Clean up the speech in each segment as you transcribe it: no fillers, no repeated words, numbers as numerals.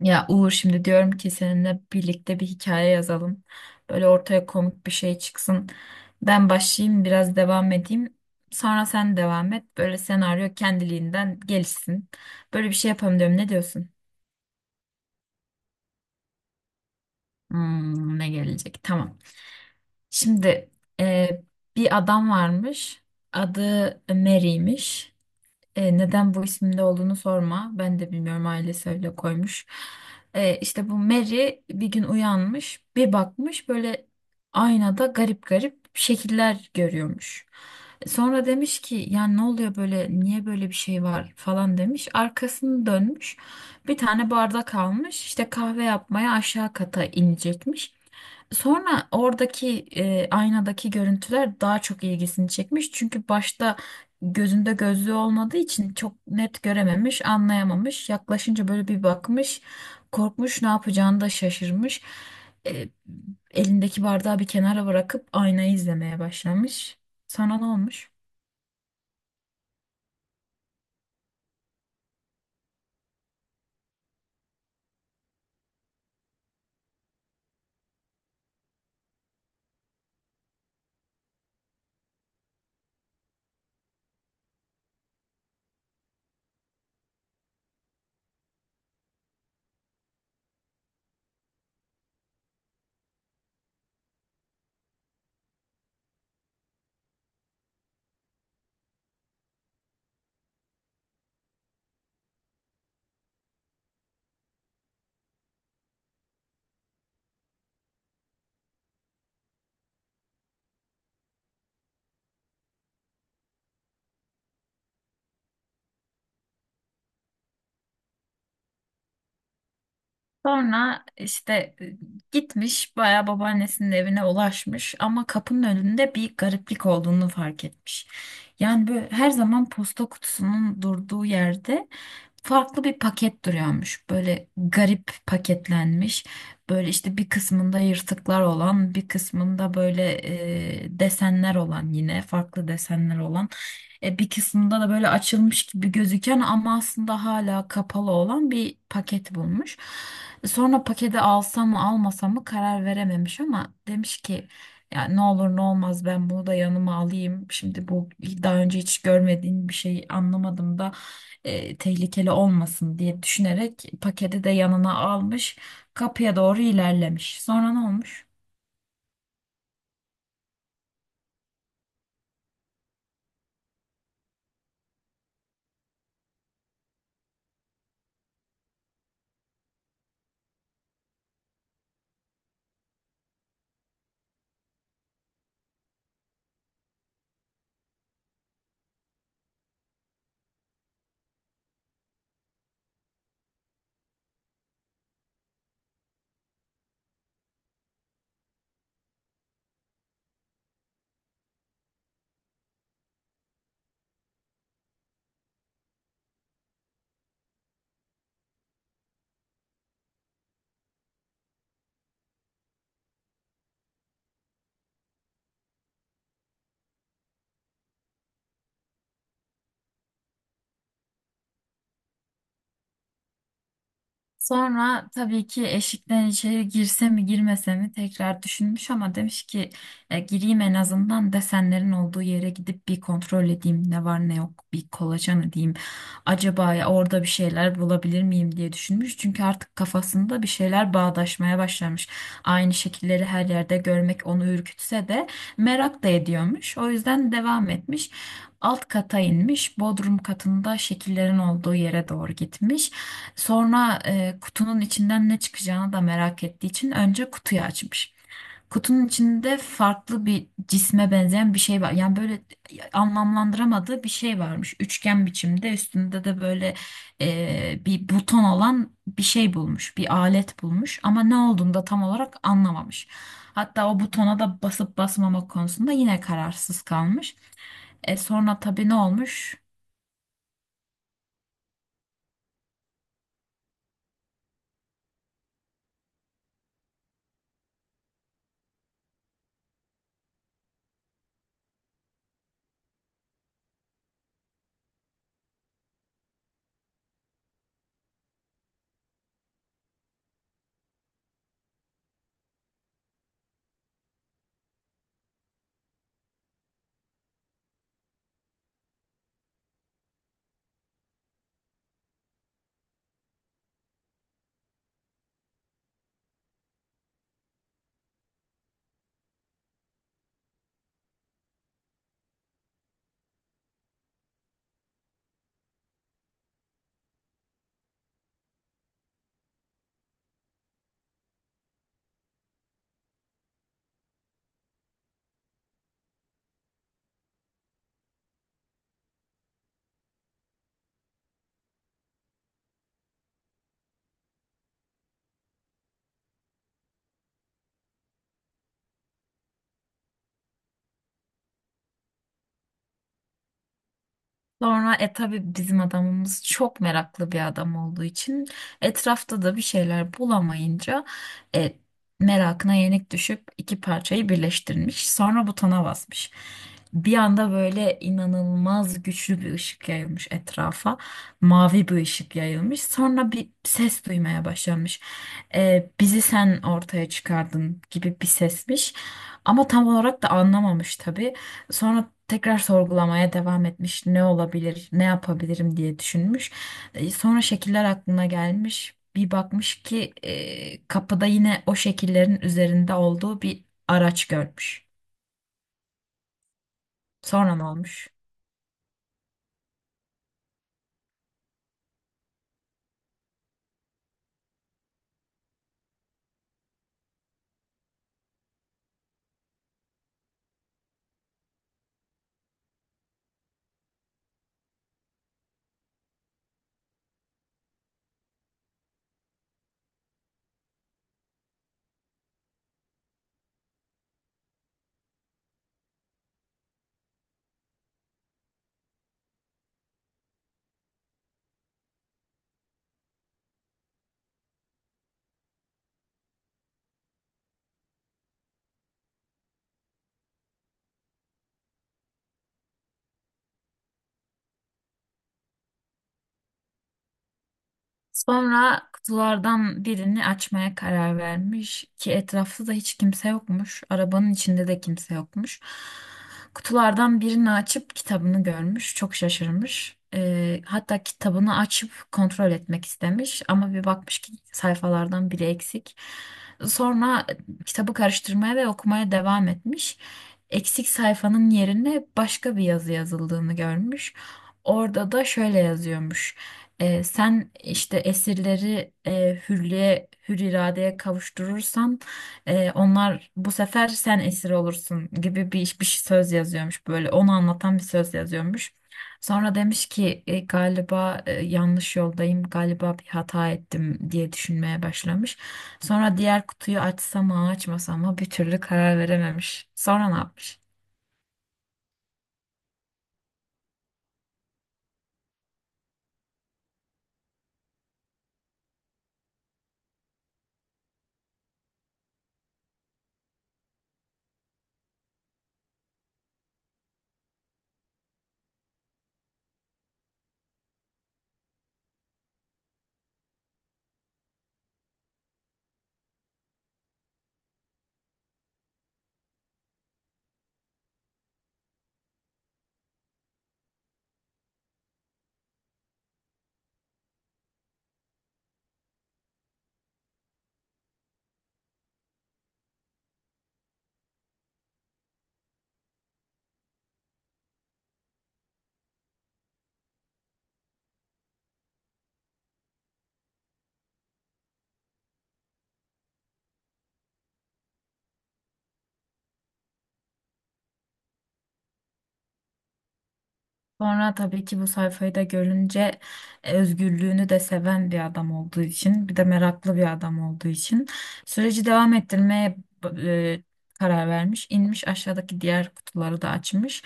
Ya Uğur şimdi diyorum ki seninle birlikte bir hikaye yazalım. Böyle ortaya komik bir şey çıksın. Ben başlayayım biraz devam edeyim. Sonra sen devam et. Böyle senaryo kendiliğinden gelişsin. Böyle bir şey yapalım diyorum. Ne diyorsun? Hmm, ne gelecek? Tamam. Şimdi e, bir adam varmış. Adı Mary'miş. Neden bu isimde olduğunu sorma. Ben de bilmiyorum, ailesi öyle koymuş. İşte bu Mary bir gün uyanmış, bir bakmış böyle aynada garip garip şekiller görüyormuş. Sonra demiş ki yani ne oluyor böyle, niye böyle bir şey var falan demiş. Arkasını dönmüş. Bir tane bardak almış. İşte kahve yapmaya aşağı kata inecekmiş. Sonra oradaki aynadaki görüntüler daha çok ilgisini çekmiş. Çünkü başta gözünde gözlüğü olmadığı için çok net görememiş, anlayamamış. Yaklaşınca böyle bir bakmış, korkmuş, ne yapacağını da şaşırmış. E, Elindeki bardağı bir kenara bırakıp aynayı izlemeye başlamış. Sana ne olmuş? Sonra işte e, gitmiş, bayağı babaannesinin evine ulaşmış ama kapının önünde bir gariplik olduğunu fark etmiş. Yani böyle her zaman posta kutusunun durduğu yerde farklı bir paket duruyormuş. Böyle garip paketlenmiş. Böyle işte bir kısmında yırtıklar olan, bir kısmında böyle desenler olan, yine farklı desenler olan, bir kısmında da böyle açılmış gibi gözüken ama aslında hala kapalı olan bir paket bulmuş. Sonra paketi alsam mı almasam mı karar verememiş ama demiş ki ya ne olur ne olmaz ben bunu da yanıma alayım. Şimdi bu daha önce hiç görmediğim bir şey, anlamadım da tehlikeli olmasın diye düşünerek paketi de yanına almış. Kapıya doğru ilerlemiş. Sonra ne olmuş? Sonra tabii ki eşikten içeri girse mi girmese mi tekrar düşünmüş ama demiş ki Gireyim, en azından desenlerin olduğu yere gidip bir kontrol edeyim, ne var ne yok bir kolaçan edeyim. Acaba ya orada bir şeyler bulabilir miyim" diye düşünmüş, çünkü artık kafasında bir şeyler bağdaşmaya başlamış. Aynı şekilleri her yerde görmek onu ürkütse de merak da ediyormuş, o yüzden devam etmiş. Alt kata inmiş, bodrum katında şekillerin olduğu yere doğru gitmiş. Sonra kutunun içinden ne çıkacağını da merak ettiği için önce kutuyu açmış. Kutunun içinde farklı bir cisme benzeyen bir şey var. Yani böyle anlamlandıramadığı bir şey varmış. Üçgen biçimde, üstünde de böyle bir buton olan bir şey bulmuş. Bir alet bulmuş ama ne olduğunu da tam olarak anlamamış. Hatta o butona da basıp basmamak konusunda yine kararsız kalmış. Sonra tabii ne olmuş? Sonra tabii bizim adamımız çok meraklı bir adam olduğu için, etrafta da bir şeyler bulamayınca e, merakına yenik düşüp iki parçayı birleştirmiş. Sonra butona basmış. Bir anda böyle inanılmaz güçlü bir ışık yayılmış etrafa. Mavi bir ışık yayılmış. Sonra bir ses duymaya başlamış. "Bizi sen ortaya çıkardın" gibi bir sesmiş. Ama tam olarak da anlamamış tabii. Sonra tekrar sorgulamaya devam etmiş. Ne olabilir, ne yapabilirim diye düşünmüş. Sonra şekiller aklına gelmiş. Bir bakmış ki kapıda yine o şekillerin üzerinde olduğu bir araç görmüş. Sonra ne olmuş? Sonra kutulardan birini açmaya karar vermiş ki etrafta da hiç kimse yokmuş. Arabanın içinde de kimse yokmuş. Kutulardan birini açıp kitabını görmüş. Çok şaşırmış. Hatta kitabını açıp kontrol etmek istemiş ama bir bakmış ki sayfalardan biri eksik. Sonra kitabı karıştırmaya ve okumaya devam etmiş. Eksik sayfanın yerine başka bir yazı yazıldığını görmüş. Orada da şöyle yazıyormuş. Sen işte esirleri hür iradeye kavuşturursan onlar bu sefer sen esir olursun gibi bir söz yazıyormuş, böyle onu anlatan bir söz yazıyormuş. Sonra demiş ki Galiba yanlış yoldayım, galiba bir hata ettim" diye düşünmeye başlamış. Sonra diğer kutuyu açsa mı açmasa mı bir türlü karar verememiş. Sonra ne yapmış? Sonra tabii ki bu sayfayı da görünce özgürlüğünü de seven bir adam olduğu için, bir de meraklı bir adam olduğu için süreci devam ettirmeye e, karar vermiş. İnmiş, aşağıdaki diğer kutuları da açmış.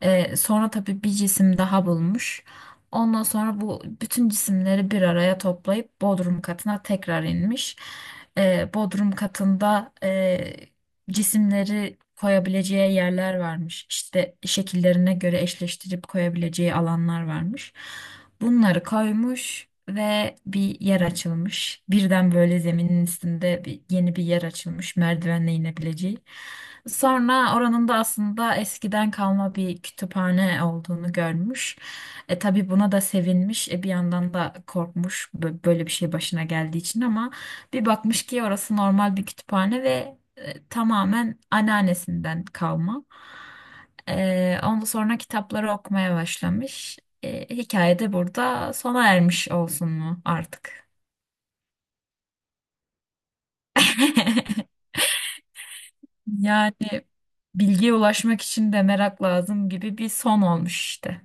Sonra tabii bir cisim daha bulmuş. Ondan sonra bu bütün cisimleri bir araya toplayıp bodrum katına tekrar inmiş. Bodrum katında cisimleri koyabileceği yerler varmış. İşte şekillerine göre eşleştirip koyabileceği alanlar varmış. Bunları koymuş ve bir yer açılmış. Birden böyle zeminin üstünde yeni bir yer açılmış, merdivenle inebileceği. Sonra oranın da aslında eskiden kalma bir kütüphane olduğunu görmüş. Tabii buna da sevinmiş. Bir yandan da korkmuş, böyle bir şey başına geldiği için, ama bir bakmış ki orası normal bir kütüphane ve tamamen anneannesinden kalma. Ondan sonra kitapları okumaya başlamış. Hikaye de burada sona ermiş olsun mu artık? Yani bilgiye ulaşmak için de merak lazım gibi bir son olmuş işte.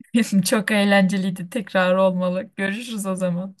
Çok eğlenceliydi. Tekrar olmalı. Görüşürüz o zaman.